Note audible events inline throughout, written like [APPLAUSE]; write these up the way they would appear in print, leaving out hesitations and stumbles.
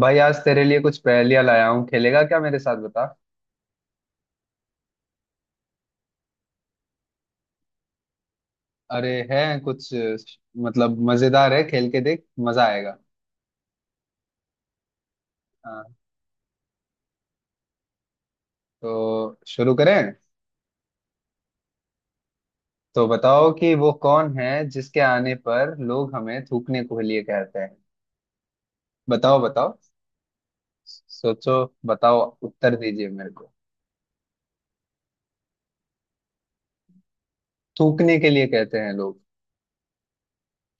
भाई आज तेरे लिए कुछ पहेलियां लाया हूँ। खेलेगा क्या मेरे साथ, बता। अरे है कुछ मतलब मजेदार है। खेल के देख, मजा आएगा। हाँ, तो शुरू करें। तो बताओ कि वो कौन है जिसके आने पर लोग हमें थूकने को लिए कहते हैं। बताओ, बताओ। सोचो। बताओ। उत्तर दीजिए मेरे को। थूकने के लिए कहते हैं लोग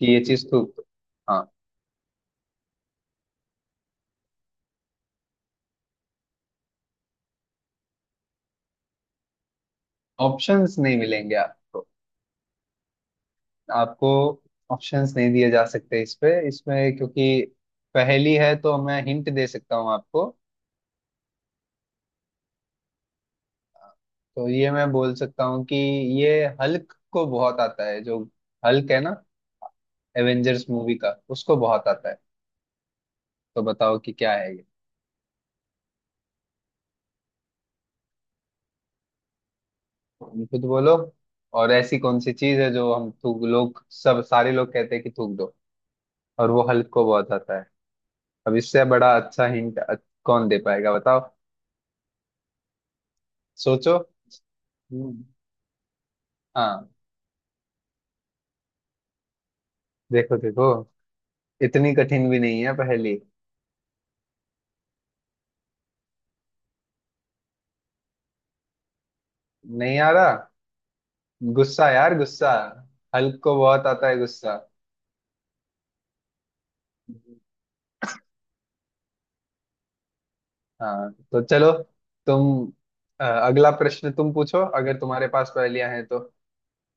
कि ये चीज थूक दो। हाँ। ऑप्शंस नहीं मिलेंगे आपको। आपको ऑप्शंस नहीं दिए जा सकते इस पे, इसमें, क्योंकि पहेली है। तो मैं हिंट दे सकता हूँ आपको। तो ये मैं बोल सकता हूँ कि ये हल्क को बहुत आता है। जो हल्क है ना, एवेंजर्स मूवी का, उसको बहुत आता है। तो बताओ कि क्या है ये। तुम खुद बोलो। और ऐसी कौन सी चीज है जो हम थूक लोग सब सारे लोग कहते हैं कि थूक दो। और वो हल्क को बहुत आता है। अब इससे बड़ा अच्छा हिंट कौन दे पाएगा, बताओ। सोचो। हम्म। हाँ। देखो देखो, इतनी कठिन भी नहीं है पहली। नहीं आ रहा? गुस्सा यार, गुस्सा। हल्क को बहुत आता है गुस्सा। हाँ तो चलो। तुम अगला प्रश्न तुम पूछो, अगर तुम्हारे पास पहेलियां हैं तो।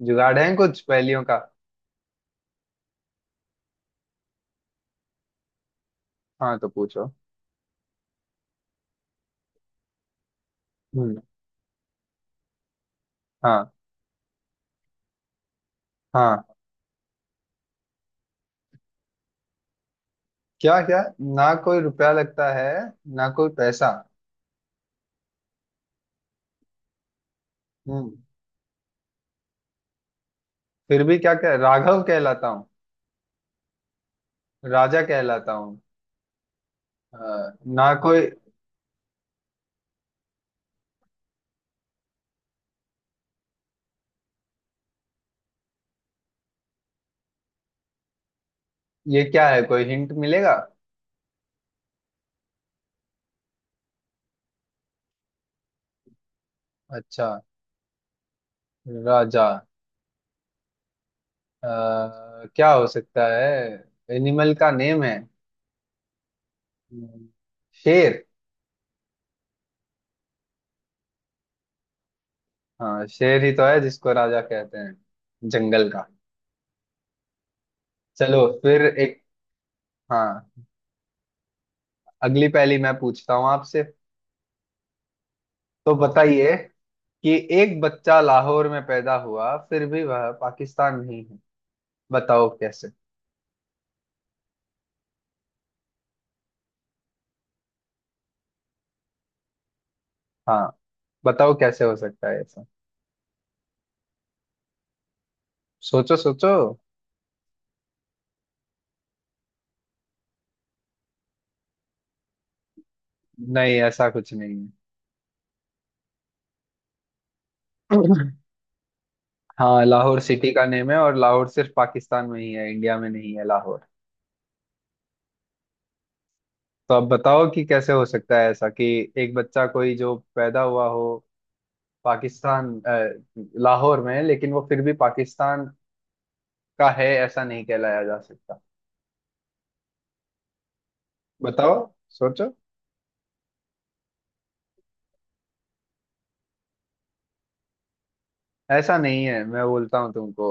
जुगाड़ है कुछ पहेलियों का? हाँ तो पूछो। हम्म। हाँ। हाँ। क्या क्या? ना कोई रुपया लगता है, ना कोई पैसा। हम्म। फिर भी क्या कह राघव कहलाता हूँ। राजा कहलाता हूँ। अ, ना कोई। ये क्या है? कोई हिंट मिलेगा? अच्छा। राजा, क्या हो सकता है? एनिमल का नेम है। हम्म। शेर। हाँ, शेर ही तो है जिसको राजा कहते हैं जंगल का। चलो फिर एक। हाँ, अगली पहेली मैं पूछता हूँ आपसे। तो बताइए कि एक बच्चा लाहौर में पैदा हुआ फिर भी वह पाकिस्तान नहीं है। बताओ कैसे। हाँ, बताओ कैसे हो सकता है ऐसा? सोचो सोचो। नहीं, ऐसा कुछ नहीं है। हाँ, लाहौर सिटी का नेम है, और लाहौर सिर्फ पाकिस्तान में ही है, इंडिया में नहीं है लाहौर। तो अब बताओ कि कैसे हो सकता है ऐसा कि एक बच्चा कोई जो पैदा हुआ हो पाकिस्तान, लाहौर में, लेकिन वो फिर भी पाकिस्तान का है ऐसा नहीं कहलाया जा सकता। बताओ। सोचो। ऐसा नहीं है, मैं बोलता हूँ तुमको।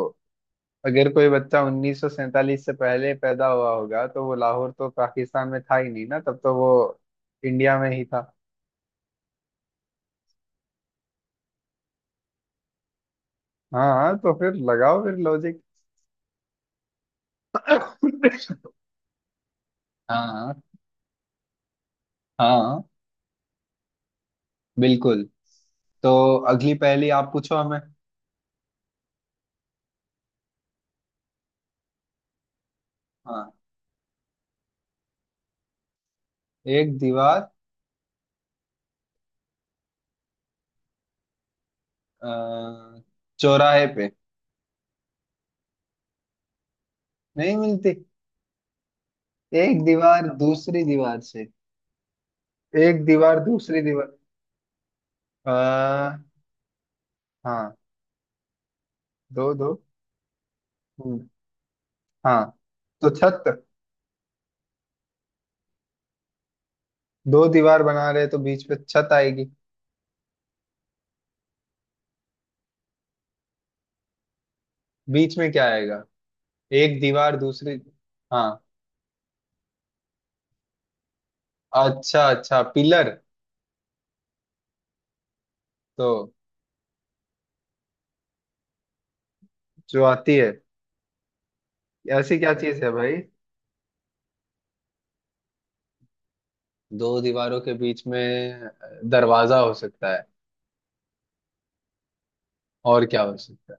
अगर कोई बच्चा 1947 से पहले पैदा हुआ होगा तो वो लाहौर तो पाकिस्तान में था ही नहीं ना, तब तो वो इंडिया में ही था। हाँ तो फिर लगाओ फिर लॉजिक। हाँ। हाँ, बिल्कुल। तो अगली पहेली आप पूछो हमें। हाँ। एक दीवार। अ, चौराहे पे। नहीं मिलती। एक दीवार दूसरी दीवार से। एक दीवार दूसरी दीवार। अ, हाँ। दो दो। हम्म। हाँ तो छत। दो दीवार बना रहे तो बीच पे छत आएगी। बीच में क्या आएगा? एक दीवार दूसरी। हाँ। अच्छा अच्छा, पिलर। तो जो आती है, ऐसी क्या चीज है भाई? दो दीवारों के बीच में दरवाजा हो सकता है। और क्या हो सकता है?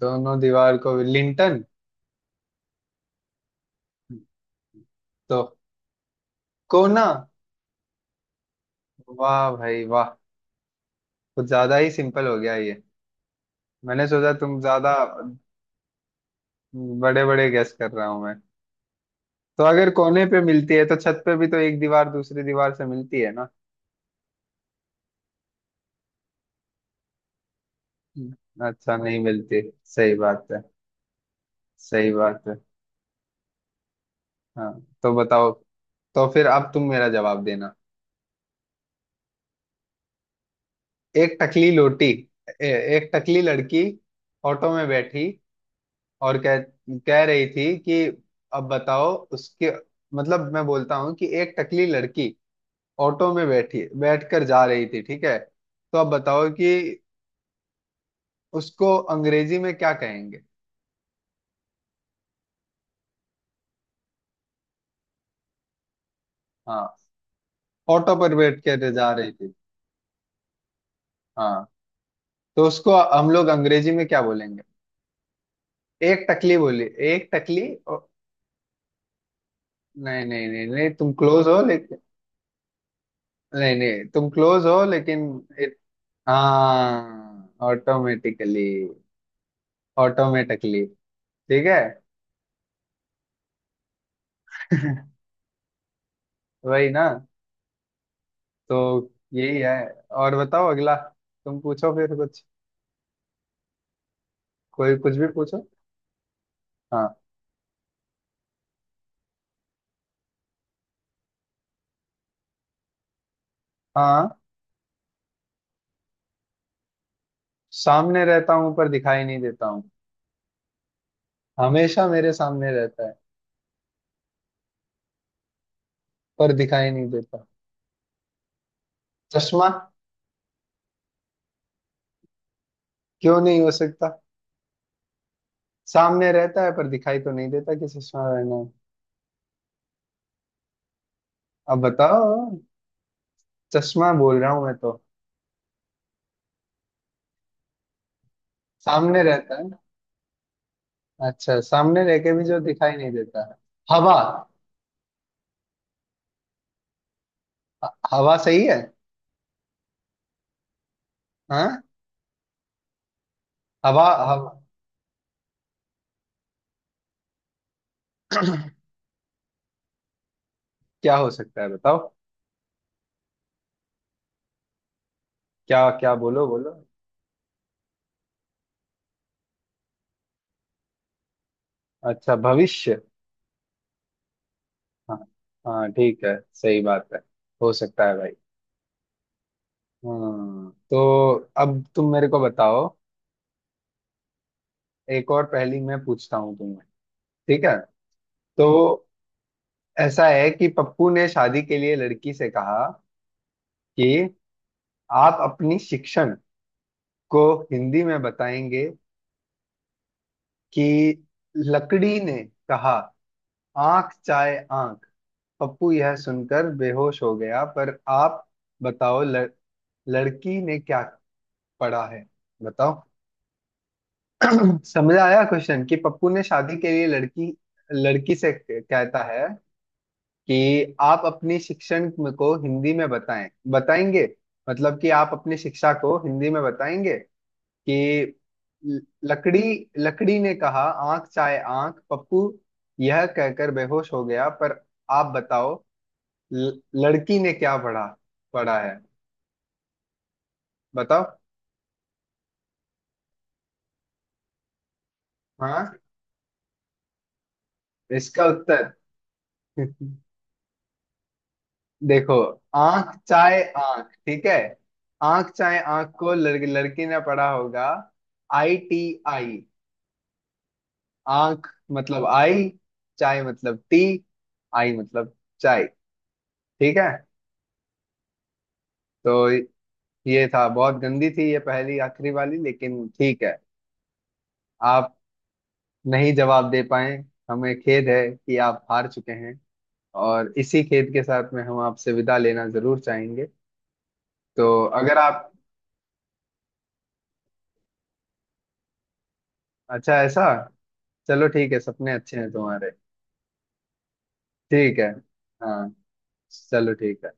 दोनों दीवार को लिंटन। तो कोना। वाह भाई वाह। कुछ ज्यादा ही सिंपल हो गया ये। मैंने सोचा तुम ज्यादा बड़े बड़े गेस कर रहा हूं मैं। तो अगर कोने पे मिलती है तो छत पे भी तो एक दीवार दूसरी दीवार से मिलती है ना। अच्छा, नहीं मिलती। सही बात है। सही बात है। हाँ तो बताओ। तो फिर अब तुम मेरा जवाब देना। एक टकली लोटी। ए- एक टकली लड़की ऑटो में बैठी और कह कह रही थी कि अब बताओ उसके मतलब। मैं बोलता हूँ कि एक टकली लड़की ऑटो में बैठी बैठकर जा रही थी, ठीक है। तो अब बताओ कि उसको अंग्रेजी में क्या कहेंगे। हाँ। ऑटो पर बैठ कर जा रही थी। हाँ तो उसको हम लोग अंग्रेजी में क्या बोलेंगे? एक टकली बोली। एक टकली। ओ, नहीं नहीं नहीं नहीं, तुम क्लोज हो लेकिन। नहीं नहीं, तुम क्लोज हो लेकिन। हाँ, ऑटोमेटिकली। ऑटोमेटिकली, ठीक है। [LAUGHS] वही ना। तो यही है। और बताओ अगला। तुम पूछो फिर कुछ। कोई कुछ भी पूछो। हाँ। हाँ। सामने रहता हूँ पर दिखाई नहीं देता हूँ। हमेशा मेरे सामने रहता है पर दिखाई नहीं देता। चश्मा। क्यों नहीं हो सकता? सामने रहता है पर दिखाई तो नहीं देता, कि चश्मा रहना है। अब बताओ। चश्मा बोल रहा हूँ मैं तो। सामने रहता है। अच्छा, सामने रह के भी जो दिखाई नहीं देता है। हवा। हवा सही है। हाँ। हवा। हवा, क्या हो सकता है बताओ। क्या क्या, बोलो बोलो। अच्छा, भविष्य। हाँ। हाँ ठीक है, सही बात है। हो सकता है भाई। हम्म। तो अब तुम मेरे को बताओ। एक और पहेली मैं पूछता हूँ तुम्हें, ठीक है। तो ऐसा है कि पप्पू ने शादी के लिए लड़की से कहा कि आप अपनी शिक्षण को हिंदी में बताएंगे। कि लकड़ी ने कहा, आंख चाहे आंख। पप्पू यह सुनकर बेहोश हो गया। पर आप बताओ लड़की ने क्या पढ़ा है, बताओ। समझ आया क्वेश्चन कि पप्पू ने शादी के लिए लड़की लड़की से कहता है कि आप अपनी शिक्षण को हिंदी में बताएंगे। मतलब कि आप अपनी शिक्षा को हिंदी में बताएंगे। कि ल- लकड़ी लकड़ी ने कहा, आंख चाहे आंख। पप्पू यह कहकर बेहोश हो गया। पर आप बताओ लड़की ने क्या पढ़ा पढ़ा है, बताओ। हाँ। इसका उत्तर। [LAUGHS] देखो। आंख चाहे आंख, ठीक है। आंख चाहे आंख को लड़की ने पढ़ा होगा। I T. आई, आंख मतलब आई। चाय मतलब टी। आई मतलब चाय। ठीक है। तो ये था। बहुत गंदी थी ये पहली आखिरी वाली, लेकिन ठीक है। आप नहीं जवाब दे पाए। हमें खेद है कि आप हार चुके हैं। और इसी खेद के साथ में हम आपसे विदा लेना जरूर चाहेंगे। तो अगर आप। अच्छा, ऐसा? चलो ठीक है, सपने अच्छे हैं तुम्हारे। ठीक है। हाँ, चलो ठीक है।